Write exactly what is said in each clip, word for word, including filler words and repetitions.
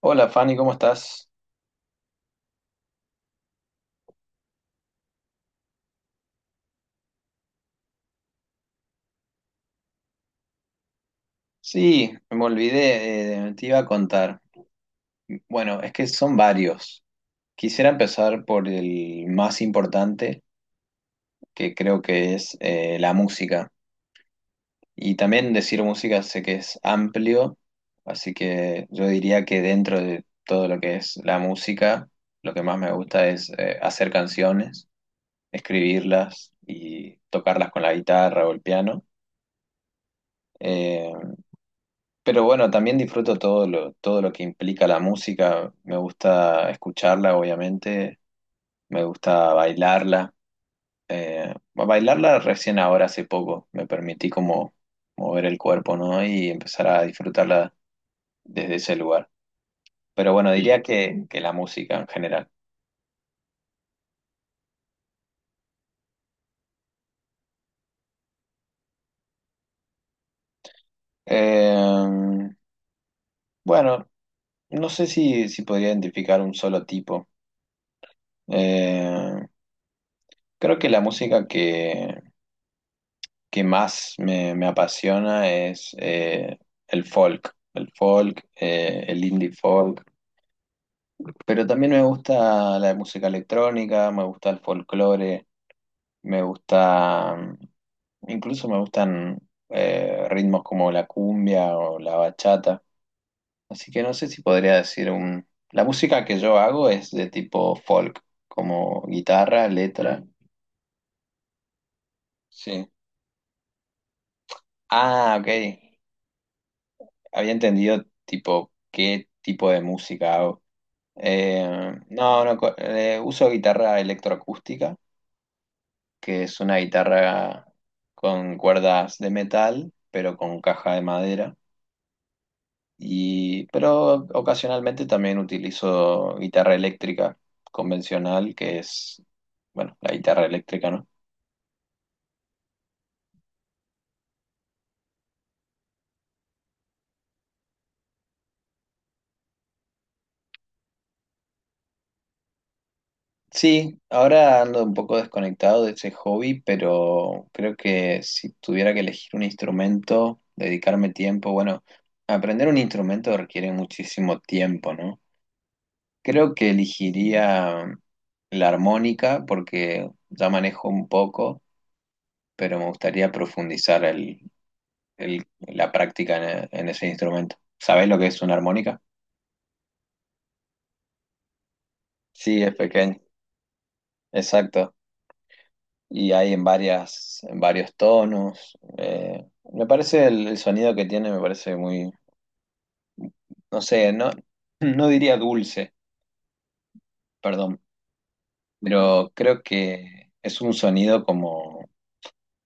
Hola Fanny, ¿cómo estás? Sí, me olvidé, eh, te iba a contar. Bueno, es que son varios. Quisiera empezar por el más importante, que creo que es eh, la música. Y también decir música sé que es amplio, así que yo diría que dentro de todo lo que es la música, lo que más me gusta es eh, hacer canciones, escribirlas y tocarlas con la guitarra o el piano. Eh, Pero bueno, también disfruto todo lo, todo lo que implica la música. Me gusta escucharla, obviamente. Me gusta bailarla. Eh, bueno, bailarla recién ahora, hace poco. Me permití como mover el cuerpo, ¿no? Y empezar a disfrutarla desde ese lugar. Pero bueno, diría que, que la música en general. Eh, bueno, no sé si, si podría identificar un solo tipo. Eh, Creo que la música que más me, me apasiona es eh, el folk, el folk, eh, el indie folk, pero también me gusta la música electrónica, me gusta el folclore, me gusta, mm, incluso me gustan eh, ritmos como la cumbia o la bachata, así que no sé si podría decir un... La música que yo hago es de tipo folk, como guitarra, letra. Sí. Ah, ok. Había entendido tipo qué tipo de música hago. Eh, no, no, co- eh, uso guitarra electroacústica, que es una guitarra con cuerdas de metal, pero con caja de madera. Y, pero ocasionalmente también utilizo guitarra eléctrica convencional, que es, bueno, la guitarra eléctrica, ¿no? Sí, ahora ando un poco desconectado de ese hobby, pero creo que si tuviera que elegir un instrumento, dedicarme tiempo, bueno, aprender un instrumento requiere muchísimo tiempo, ¿no? Creo que elegiría la armónica porque ya manejo un poco, pero me gustaría profundizar el, el- la práctica en, en ese instrumento. ¿Sabés lo que es una armónica? Sí, es pequeño. Exacto. Y hay en varias, en varios tonos. Eh, me parece el, el sonido que tiene, me parece muy, no sé, no, no diría dulce, perdón, pero creo que es un sonido como,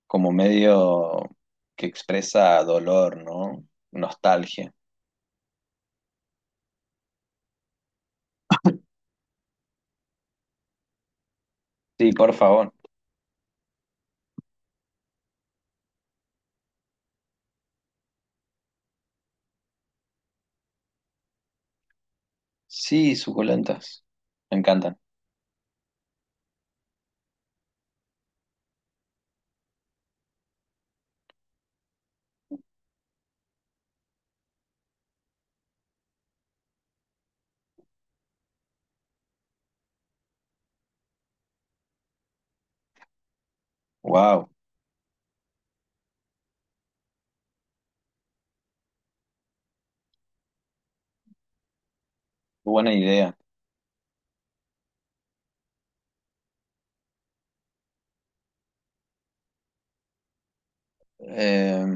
como medio que expresa dolor, ¿no? Nostalgia. Sí, por favor. Sí, suculentas. Me encantan. Wow, buena idea. Eh,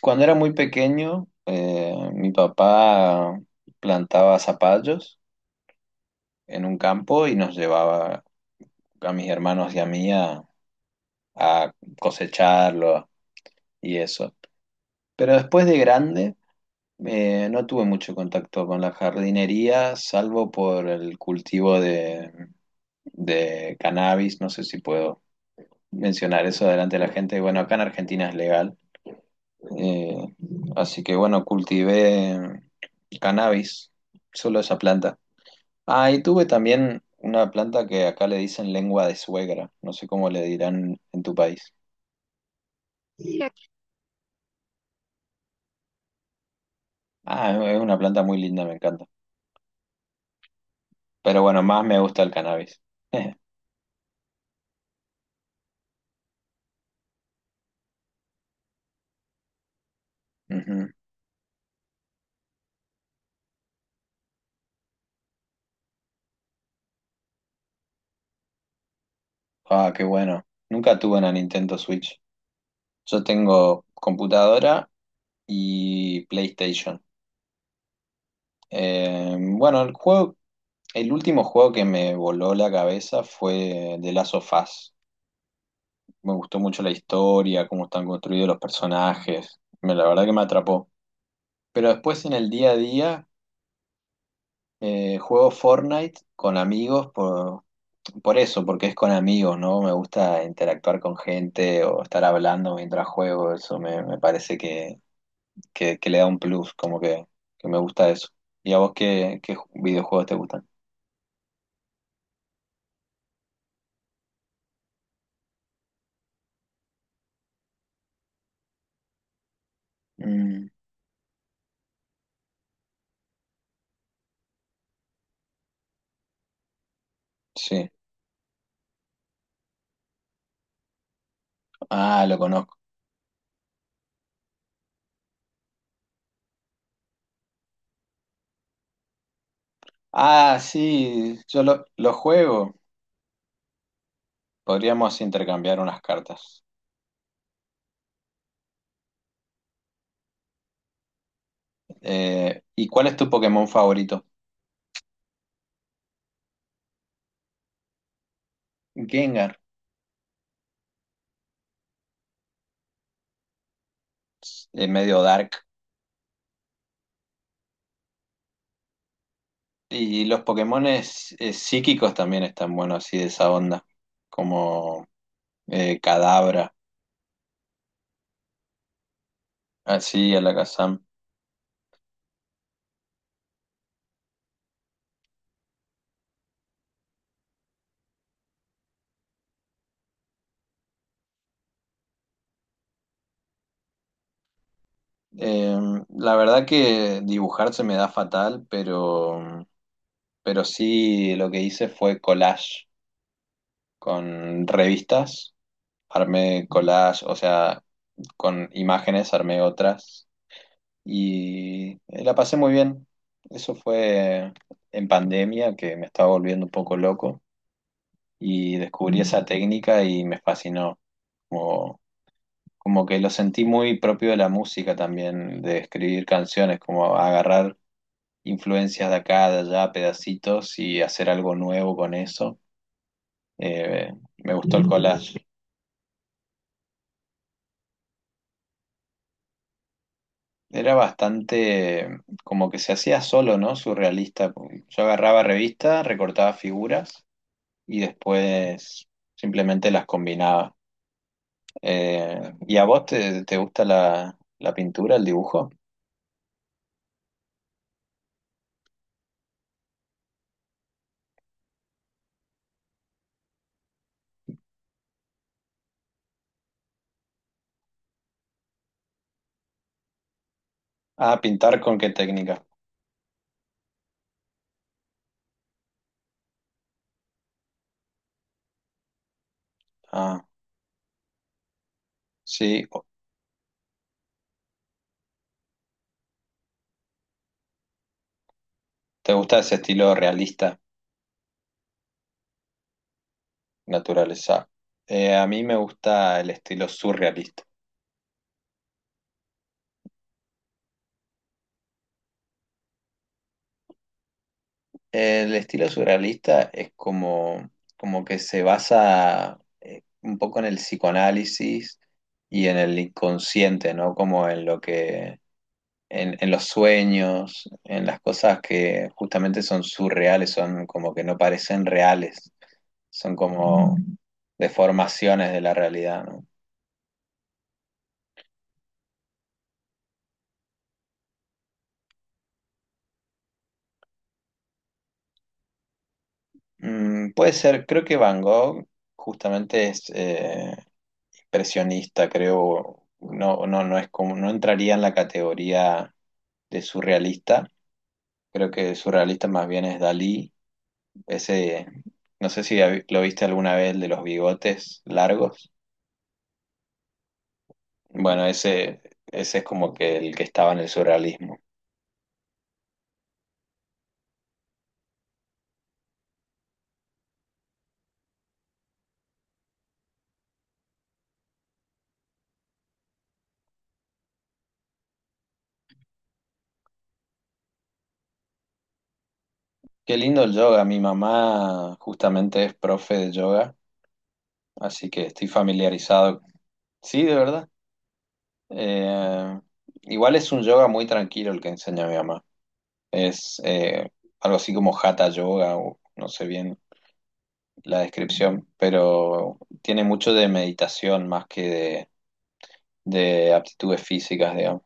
Cuando era muy pequeño, eh, mi papá plantaba zapallos en un campo y nos llevaba a mis hermanos y a mí a, a cosecharlo y eso. Pero después de grande, eh, no tuve mucho contacto con la jardinería, salvo por el cultivo de, de cannabis. No sé si puedo mencionar eso delante de la gente. Bueno, acá en Argentina es legal. Eh, Así que bueno, cultivé cannabis, solo esa planta. Ah, y tuve también una planta que acá le dicen lengua de suegra, no sé cómo le dirán en tu país. Ah, es una planta muy linda, me encanta. Pero bueno, más me gusta el cannabis. Ujú. Ah, qué bueno. Nunca tuve una Nintendo Switch. Yo tengo computadora y PlayStation. Eh, bueno, el juego, el último juego que me voló la cabeza fue The Last of Us. Me gustó mucho la historia, cómo están construidos los personajes. Me- La verdad que me atrapó. Pero después en el día a día eh, juego Fortnite con amigos por, por eso, porque es con amigos, ¿no? Me gusta interactuar con gente o estar hablando mientras juego. Eso me, me parece que, que- que le da un plus, como que, que me gusta eso. ¿Y a vos qué, qué videojuegos te gustan? Mm, sí. Ah, lo conozco. Ah, sí, yo lo, lo juego. Podríamos intercambiar unas cartas. Eh, ¿y cuál es tu Pokémon favorito? Gengar, eh, medio dark. Y los Pokémones eh, psíquicos también están buenos, así de esa onda, como eh, Cadabra, así Alakazam. Eh, la verdad que dibujar se me da fatal, pero, pero sí lo que hice fue collage con revistas, armé collage, o sea, con imágenes armé otras y la pasé muy bien. Eso fue en pandemia que me estaba volviendo un poco loco y descubrí esa técnica y me fascinó. Como, como que lo sentí muy propio de la música también, de escribir canciones, como agarrar influencias de acá, de allá, pedacitos y hacer algo nuevo con eso. Eh, Me gustó el collage. Era bastante como que se hacía solo, ¿no? Surrealista, porque yo agarraba revistas, recortaba figuras y después simplemente las combinaba. Eh, ¿y a vos te, te gusta la, la pintura, el dibujo? Ah, pintar con qué técnica. Ah, sí. ¿Te gusta ese estilo realista, naturaleza? Eh, a mí me gusta el estilo surrealista. El estilo surrealista es como, como que se basa eh, un poco en el psicoanálisis y en el inconsciente, ¿no? Como en lo que, en, en los sueños, en las cosas que justamente son surreales, son como que no parecen reales, son como mm, deformaciones de la realidad, ¿no? Mm, puede ser, creo que Van Gogh justamente es, eh, expresionista, creo, no, no, no es como, no entraría en la categoría de surrealista. Creo que surrealista más bien es Dalí. Ese, no sé si hab- lo viste alguna vez, el de los bigotes largos. Bueno, ese, ese es como que el que estaba en el surrealismo. Qué lindo el yoga. Mi mamá justamente es profe de yoga, así que estoy familiarizado. Sí, de verdad. Eh, Igual es un yoga muy tranquilo el que enseña mi mamá. Es eh, algo así como Hatha Yoga, o no sé bien la descripción, pero tiene mucho de meditación más que de, de aptitudes físicas, digamos.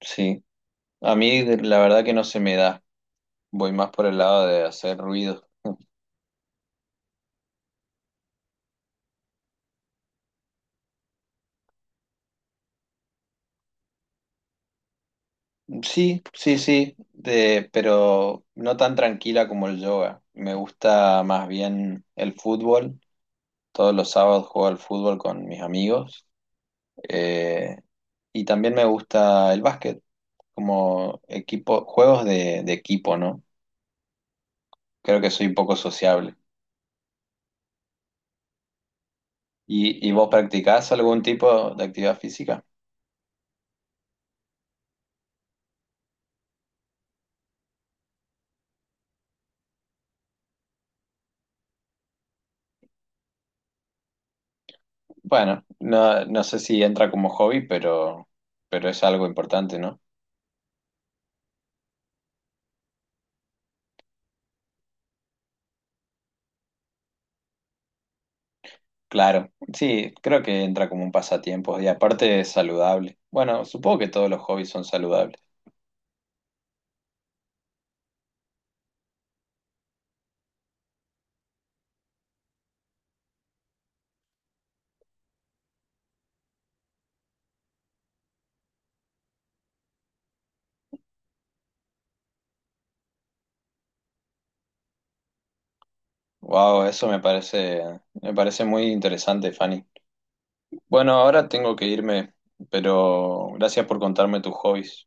Sí, a mí de- la verdad que no se me da. Voy más por el lado de hacer ruido. Sí, sí, sí, de, pero no tan tranquila como el yoga. Me gusta más bien el fútbol. Todos los sábados juego al fútbol con mis amigos. Eh, y también me gusta el básquet. Como equipo, juegos de, de equipo, ¿no? Creo que soy un poco sociable. ¿Y, y vos practicás algún tipo de actividad física? Bueno, no, no sé si entra como hobby, pero, pero es algo importante, ¿no? Claro, sí, creo que entra como un pasatiempo y aparte es saludable. Bueno, supongo que todos los hobbies son saludables. Wow, eso me parece, me parece muy interesante, Fanny. Bueno, ahora tengo que irme, pero gracias por contarme tus hobbies.